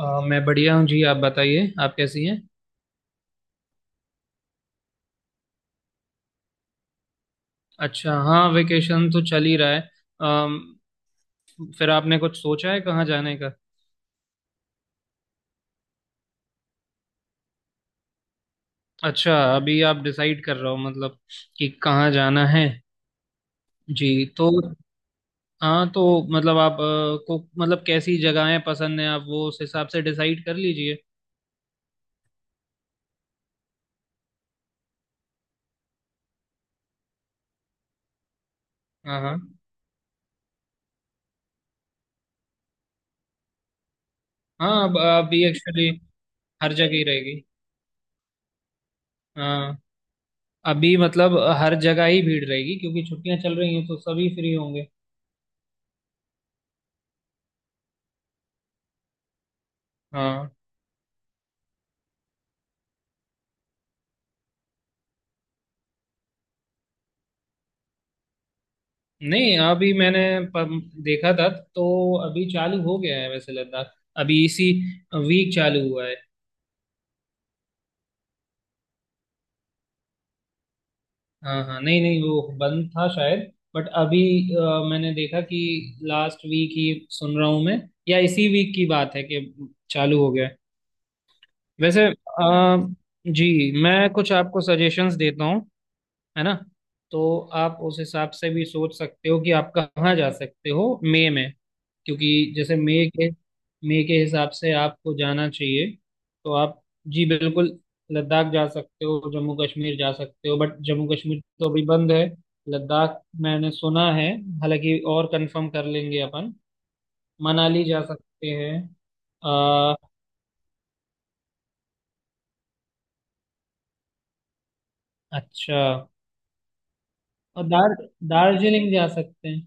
मैं बढ़िया हूँ जी। आप बताइए, आप कैसी हैं? अच्छा। हाँ, वेकेशन तो चल ही रहा है। अम, फिर आपने कुछ सोचा है कहाँ जाने का? अच्छा, अभी आप डिसाइड कर रहे हो मतलब कि कहाँ जाना है। जी तो, हाँ तो मतलब आप को मतलब कैसी जगहें पसंद हैं, आप वो उस हिसाब से डिसाइड कर लीजिए। हाँ, हाँ, हाँ। अब अभी एक्चुअली हर जगह ही रहेगी। हाँ, अभी मतलब हर जगह ही भीड़ रहेगी क्योंकि छुट्टियां चल रही हैं तो सभी फ्री होंगे। हाँ। नहीं, अभी मैंने देखा था तो अभी चालू हो गया है वैसे, लद्दाख अभी इसी वीक चालू हुआ है। हाँ, हाँ, नहीं, नहीं, वो बंद था शायद। बट अभी अ, मैंने देखा कि लास्ट वीक ही सुन रहा हूँ मैं, या इसी वीक की बात है कि चालू हो गया है। वैसे, जी मैं कुछ आपको सजेशंस देता हूँ, है ना? तो आप उस हिसाब से भी सोच सकते हो कि आप कहाँ जा सकते हो मई में। क्योंकि जैसे मई के हिसाब से आपको जाना चाहिए। तो आप, जी बिल्कुल, लद्दाख जा सकते हो, जम्मू कश्मीर जा सकते हो, बट जम्मू कश्मीर तो अभी बंद है। लद्दाख मैंने सुना है, हालांकि और कंफर्म कर लेंगे अपन। मनाली जा सकते हैं। आ, अच्छा। और दार्जिलिंग जा सकते हैं।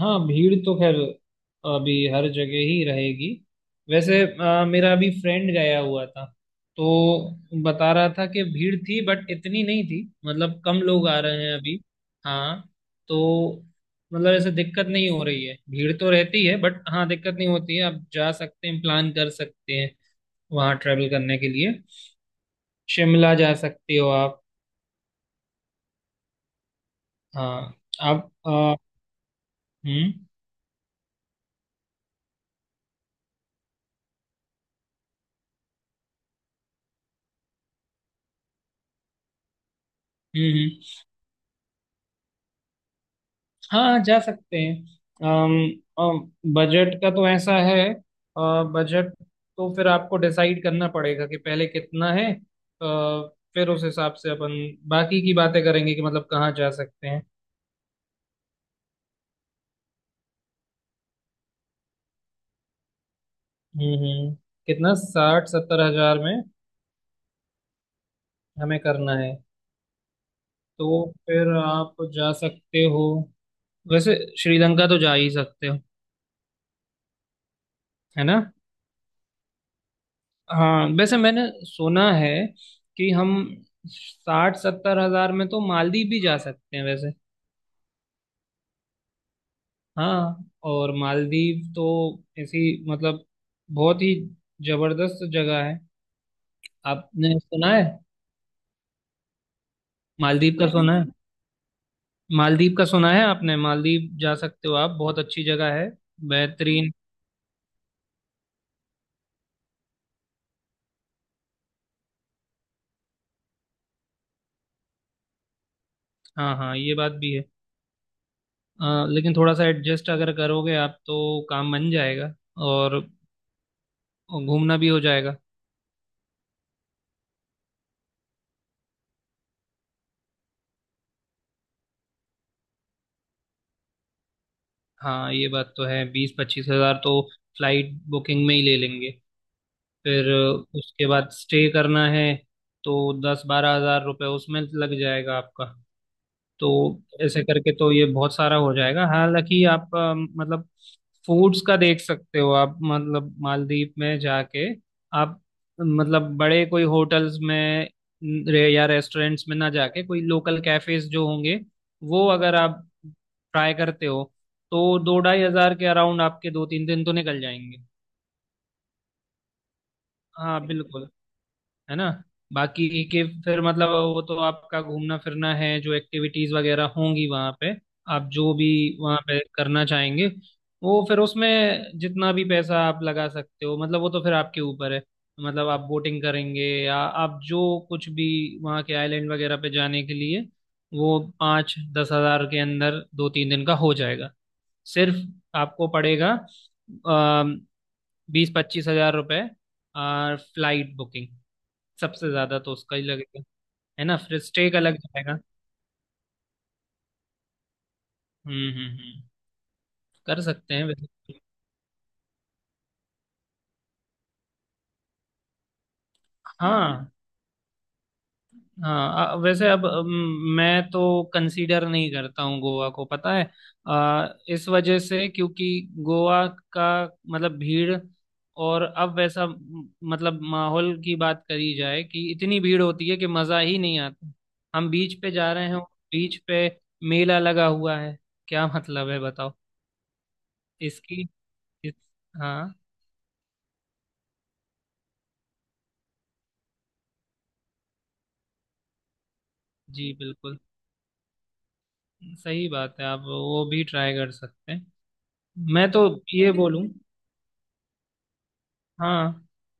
हाँ, भीड़ तो खैर अभी हर जगह ही रहेगी। वैसे मेरा अभी फ्रेंड गया हुआ था तो बता रहा था कि भीड़ थी बट इतनी नहीं थी, मतलब कम लोग आ रहे हैं अभी। हाँ। तो मतलब ऐसे दिक्कत नहीं हो रही है, भीड़ तो रहती है बट हाँ दिक्कत नहीं होती है, आप जा सकते हैं, प्लान कर सकते हैं वहाँ ट्रेवल करने के लिए। शिमला जा सकते हो आप। हाँ। आप हम्म, हम्म, हम्म। हाँ, जा सकते हैं। अम बजट का तो ऐसा है, बजट तो फिर आपको डिसाइड करना पड़ेगा कि पहले कितना है, फिर उस हिसाब से अपन बाकी की बातें करेंगे कि मतलब कहाँ जा सकते हैं। हम्म, कितना, 60-70 हजार में हमें करना है? तो फिर आप जा सकते हो, वैसे श्रीलंका तो जा ही सकते हो, है ना? हाँ, वैसे मैंने सुना है कि हम 60-70 हजार में तो मालदीव भी जा सकते हैं वैसे। हाँ। और मालदीव तो ऐसी, मतलब बहुत ही जबरदस्त जगह है। आपने सुना है? मालदीव का सुना है? मालदीव का सुना है आपने? मालदीव जा सकते हो आप, बहुत अच्छी जगह है, बेहतरीन। हाँ, हाँ, ये बात भी है। लेकिन थोड़ा सा एडजस्ट अगर करोगे आप तो काम बन जाएगा और घूमना भी हो जाएगा। हाँ, ये बात तो है, 20-25 हजार तो फ्लाइट बुकिंग में ही ले लेंगे। फिर उसके बाद स्टे करना है तो 10-12 हजार रुपये उसमें लग जाएगा आपका। तो ऐसे करके तो ये बहुत सारा हो जाएगा, हालांकि आप मतलब फूड्स का देख सकते हो आप, मतलब मालदीव में जाके आप मतलब बड़े कोई होटल्स में या रेस्टोरेंट्स में ना जाके, कोई लोकल कैफेज जो होंगे वो अगर आप ट्राई करते हो तो दो ढाई हजार के अराउंड आपके दो तीन दिन तो निकल जाएंगे। हाँ बिल्कुल, है ना? बाकी के फिर मतलब, वो तो आपका घूमना फिरना है, जो एक्टिविटीज वगैरह होंगी वहाँ पे, आप जो भी वहाँ पे करना चाहेंगे, वो फिर उसमें जितना भी पैसा आप लगा सकते हो मतलब वो तो फिर आपके ऊपर है। मतलब आप बोटिंग करेंगे या आप जो कुछ भी, वहाँ के आइलैंड वगैरह पे जाने के लिए वो 5-10 हजार के अंदर दो तीन दिन का हो जाएगा सिर्फ। आपको पड़ेगा 20-25 हजार रुपये फ्लाइट बुकिंग, सबसे ज्यादा तो उसका ही लगेगा, है ना? फिर स्टे का लग जाएगा। हम्म, हम्म, हम्म। कर सकते हैं वैसे। हाँ, हाँ। वैसे अब, मैं तो कंसीडर नहीं करता हूँ गोवा को, पता है? अ, इस वजह से क्योंकि गोवा का मतलब भीड़, और अब वैसा मतलब माहौल की बात करी जाए कि इतनी भीड़ होती है कि मज़ा ही नहीं आता। हम बीच पे जा रहे हैं, बीच पे मेला लगा हुआ है, क्या मतलब है बताओ। इसकी, इस, हाँ। जी बिल्कुल, सही बात है, आप वो भी ट्राई कर सकते हैं। मैं तो ये बोलूं, हाँ।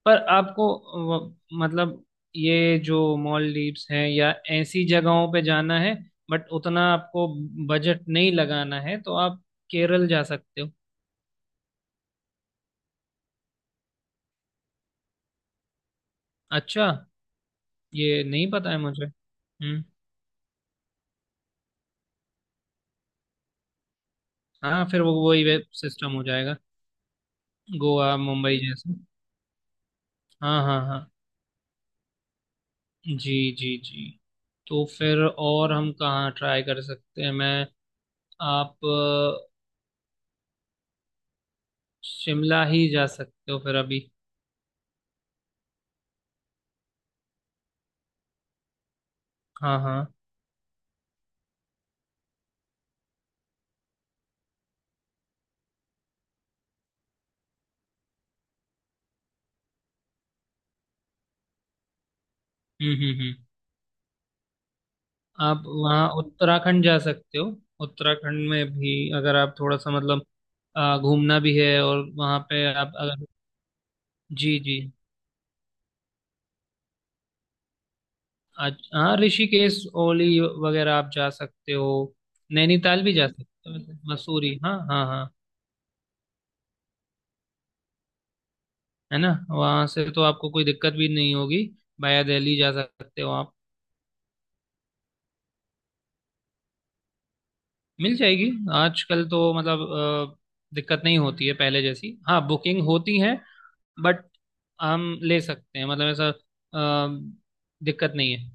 पर आपको वो- मतलब ये जो मॉलडीव्स हैं या ऐसी जगहों पे जाना है बट उतना आपको बजट नहीं लगाना है तो आप केरल जा सकते हो। अच्छा, ये नहीं पता है मुझे। हम्म। हाँ, फिर वो वही वेब सिस्टम हो जाएगा, गोवा मुंबई जैसे। हाँ, हाँ, हाँ। जी, जी, जी। तो फिर और हम कहाँ ट्राई कर सकते हैं, मैं। आप शिमला ही जा सकते हो फिर अभी। हाँ, हाँ। हम्म, हम्म, हम्म। आप वहाँ उत्तराखंड जा सकते हो। उत्तराखंड में भी अगर आप थोड़ा सा मतलब घूमना भी है और वहाँ पे आप अगर। जी, जी। आज, हाँ, ऋषिकेश, ओली वगैरह आप जा सकते हो। नैनीताल भी जा सकते हो, मतलब मसूरी, हाँ, हाँ, हाँ। है ना? वहाँ से तो आपको कोई दिक्कत भी नहीं होगी, वाया दिल्ली जा सकते हो आप। मिल जाएगी, आजकल तो मतलब दिक्कत नहीं होती है पहले जैसी, हाँ बुकिंग होती है, बट हम ले सकते हैं मतलब ऐसा, दिक्कत नहीं है,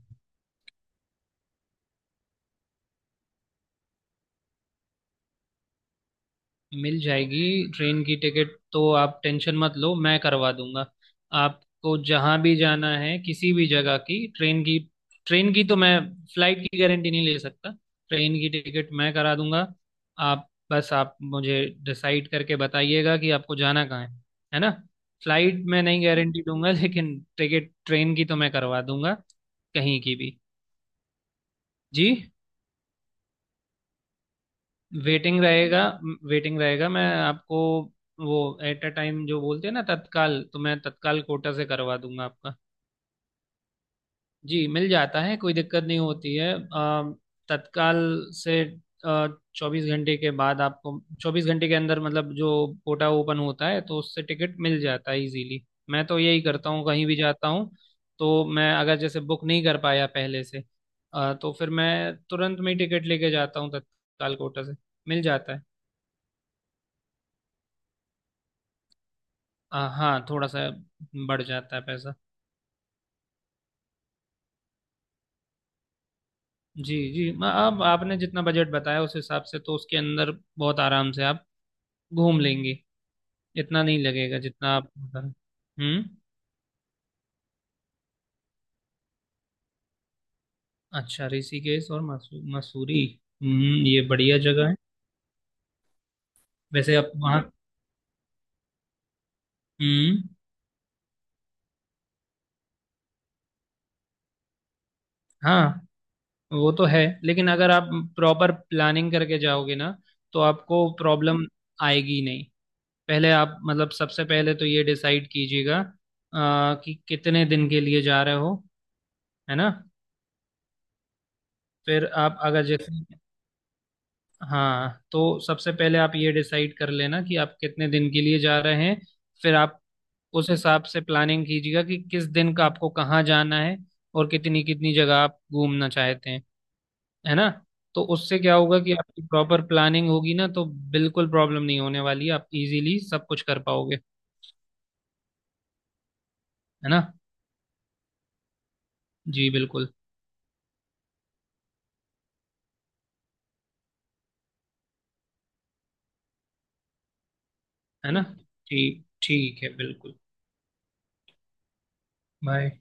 मिल जाएगी। ट्रेन की टिकट तो आप टेंशन मत लो, मैं करवा दूंगा। आपको जहां भी जाना है, किसी भी जगह की ट्रेन की तो मैं, फ्लाइट की गारंटी नहीं ले सकता, ट्रेन की टिकट मैं करा दूंगा। आप बस आप मुझे डिसाइड करके बताइएगा कि आपको जाना कहाँ है ना? फ्लाइट में नहीं गारंटी दूंगा लेकिन टिकट ट्रेन की तो मैं करवा दूंगा, कहीं की भी। जी। वेटिंग रहेगा, वेटिंग रहेगा। मैं आपको वो एट अ टाइम जो बोलते हैं ना, तत्काल, तो मैं तत्काल कोटा से करवा दूंगा आपका। जी मिल जाता है, कोई दिक्कत नहीं होती है। तत्काल से 24 घंटे के बाद आपको, 24 घंटे के अंदर मतलब, जो कोटा ओपन होता है तो उससे टिकट मिल जाता है इजीली। मैं तो यही करता हूँ कहीं भी जाता हूँ, तो मैं अगर जैसे बुक नहीं कर पाया पहले से, तो फिर मैं तुरंत में ही टिकट लेके जाता हूँ तत्काल कोटा से। मिल जाता है। हाँ, थोड़ा सा बढ़ जाता है पैसा। जी, जी। अब आपने जितना बजट बताया उस हिसाब से तो उसके अंदर बहुत आराम से आप घूम लेंगे, इतना नहीं लगेगा जितना आप हम्म। अच्छा, ऋषिकेश और मसूरी, हम्म, ये बढ़िया जगह है। वैसे आप वहाँ, हम्म, हाँ, वो तो है लेकिन अगर आप प्रॉपर प्लानिंग करके जाओगे ना तो आपको प्रॉब्लम आएगी नहीं। पहले आप मतलब, सबसे पहले तो ये डिसाइड कीजिएगा कि कितने दिन के लिए जा रहे हो, है ना? फिर आप अगर जैसे, हाँ, तो सबसे पहले आप ये डिसाइड कर लेना कि आप कितने दिन के लिए जा रहे हैं। फिर आप उस हिसाब से प्लानिंग कीजिएगा कि किस दिन का आपको कहाँ जाना है और कितनी कितनी जगह आप घूमना चाहते हैं, है ना? तो उससे क्या होगा कि आपकी प्रॉपर प्लानिंग होगी ना, तो बिल्कुल प्रॉब्लम नहीं होने वाली है, आप इजीली सब कुछ कर पाओगे। है ना? जी बिल्कुल। है ना? ठीक, ठीक है बिल्कुल। बाय।